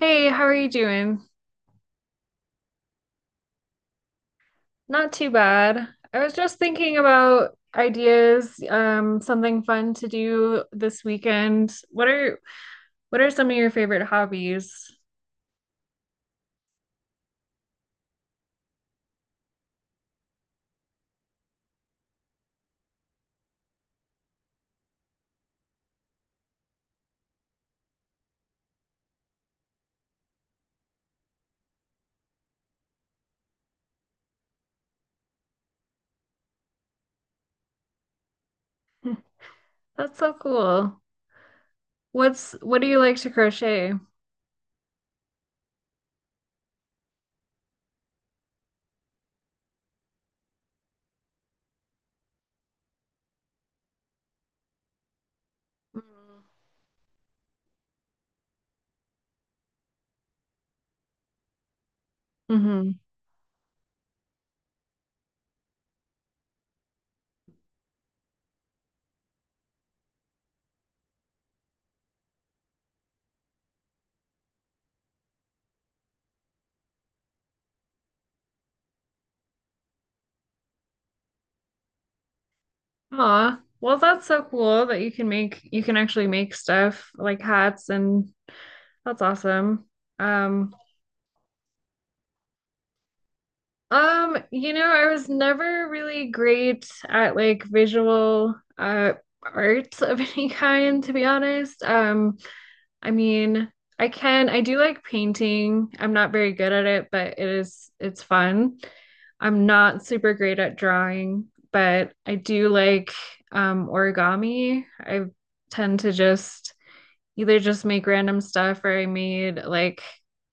Hey, how are you doing? Not too bad. I was just thinking about ideas, something fun to do this weekend. What are some of your favorite hobbies? That's so cool. What do you like to crochet? Mm-hmm. Aw, well, that's so cool that you can actually make stuff like hats and that's awesome. Um, I was never really great at like visual art of any kind, to be honest. I mean, I do like painting. I'm not very good at it, but it's fun. I'm not super great at drawing, but I do like origami. I tend to just either just make random stuff, or I made like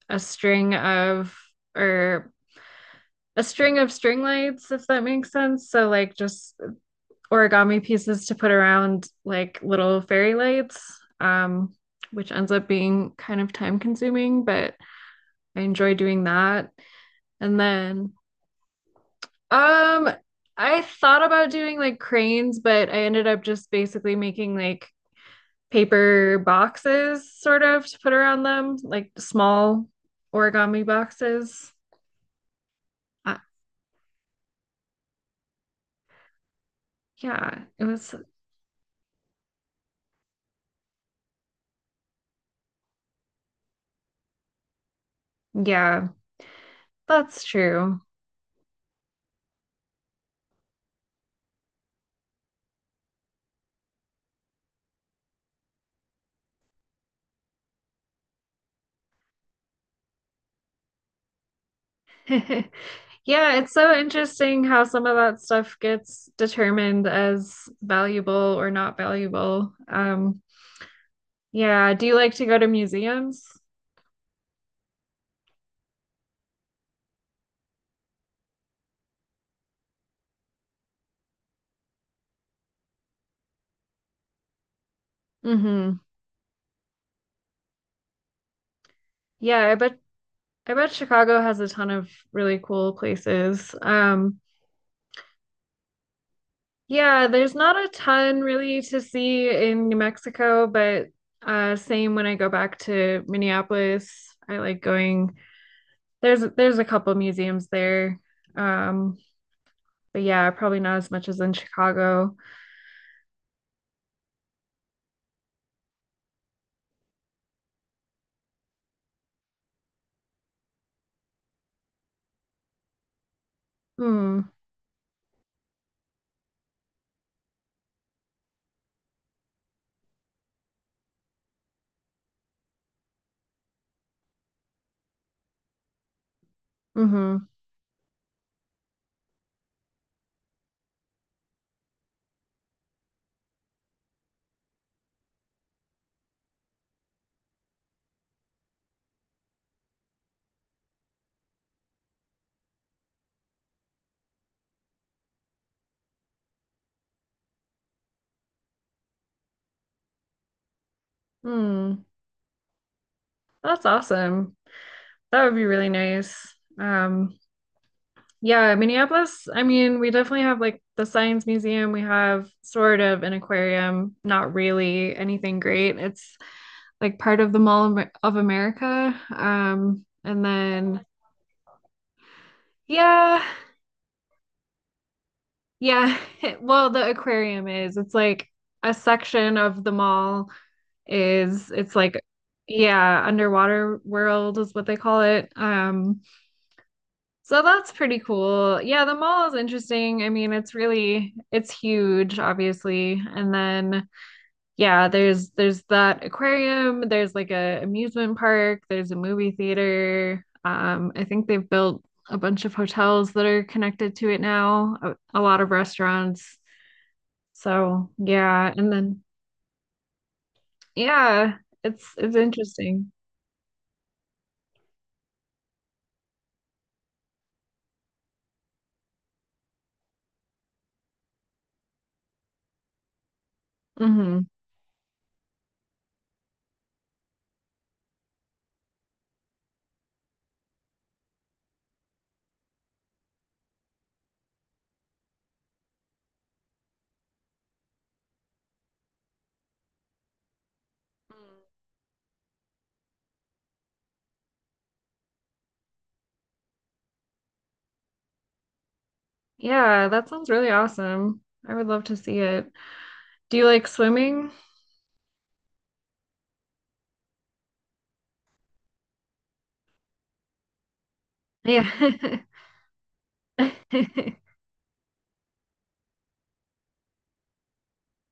a string of or a string of string lights, if that makes sense. So like just origami pieces to put around like little fairy lights, um, which ends up being kind of time consuming, but I enjoy doing that. And then um I thought about doing like cranes, but I ended up just basically making like paper boxes sort of to put around them, like small origami boxes. Uh, yeah, it was. Yeah, that's true. Yeah, it's so interesting how some of that stuff gets determined as valuable or not valuable. Yeah, do you like to go to museums? Mm-hmm. Yeah, I bet Chicago has a ton of really cool places. Yeah, there's not a ton really to see in New Mexico, but same when I go back to Minneapolis. I like going. There's a couple museums there. Um, But yeah, probably not as much as in Chicago. Hmm. Mm-hmm. Hmm. That's awesome. That would be really nice. Um, yeah, Minneapolis, I mean, we definitely have like the Science Museum. We have sort of an aquarium, not really anything great. It's like part of the Mall of America. And then yeah, yeah. Well, the aquarium is. It's like a section of the mall is it's like Yeah, underwater world is what they call it. So that's pretty cool. Yeah, the mall is interesting. I mean, it's really it's huge obviously. And then yeah, there's that aquarium, there's like a amusement park, there's a movie theater. I think they've built a bunch of hotels that are connected to it now, a lot of restaurants. So, yeah, and then yeah, it's interesting. Mhm. Yeah, that sounds really awesome. I would love to see it. Do you like swimming? Yeah.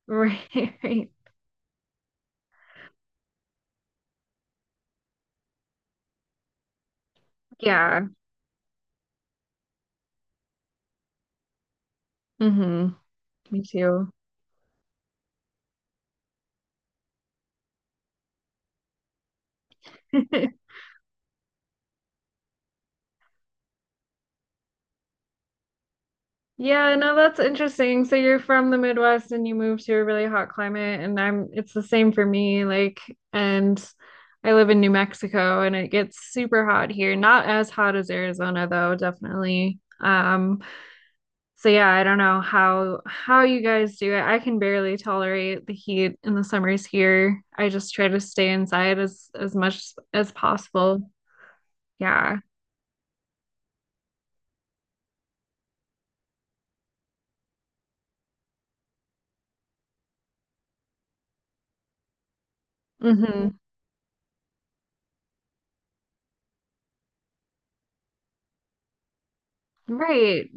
Right. Right. Yeah. Hmm. Me too. Yeah, no, that's interesting. So you're from the Midwest and you moved to a really hot climate, and I'm it's the same for me. Like, and I live in New Mexico and it gets super hot here. Not as hot as Arizona though, definitely. So yeah, I don't know how you guys do it. I can barely tolerate the heat in the summers here. I just try to stay inside as much as possible. Yeah. Hmm. Right.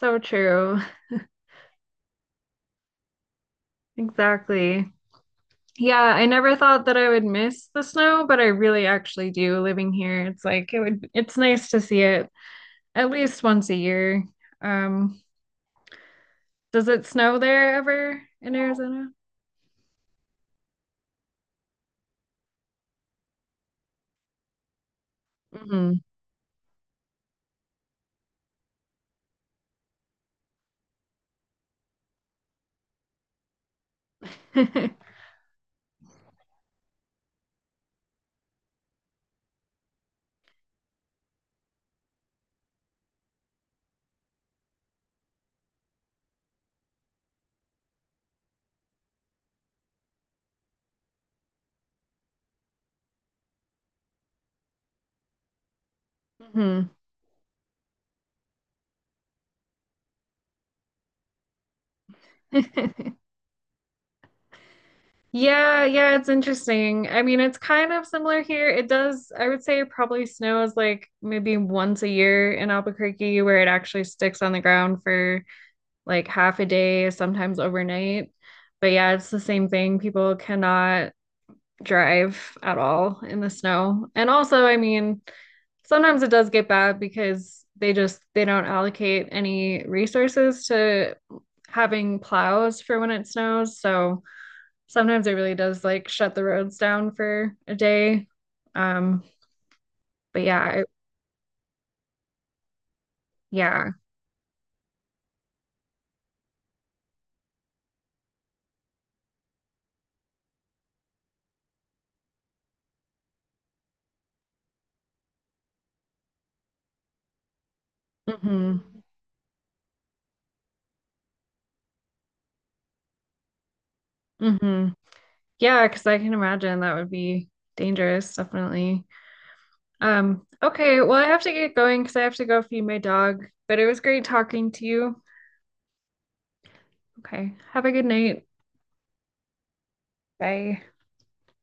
So true. Exactly. Yeah, I never thought that I would miss the snow, but I really actually do living here. It's like it's nice to see it at least once a year. Um, does it snow there ever in Arizona? Mm-hmm. Hmm. Yeah, yeah, it's interesting. I mean, it's kind of similar here. It does, I would say it probably snows like maybe once a year in Albuquerque where it actually sticks on the ground for like half a day, sometimes overnight. But yeah, it's the same thing. People cannot drive at all in the snow. And also, I mean, sometimes it does get bad because they don't allocate any resources to having plows for when it snows. So sometimes it really does like shut the roads down for a day. Um, but yeah, I, yeah. Hmm. Hmm. Yeah, because I can imagine that would be dangerous, definitely. Okay, well, I have to get going because I have to go feed my dog, but it was great talking to you. Okay, have a good night. Bye.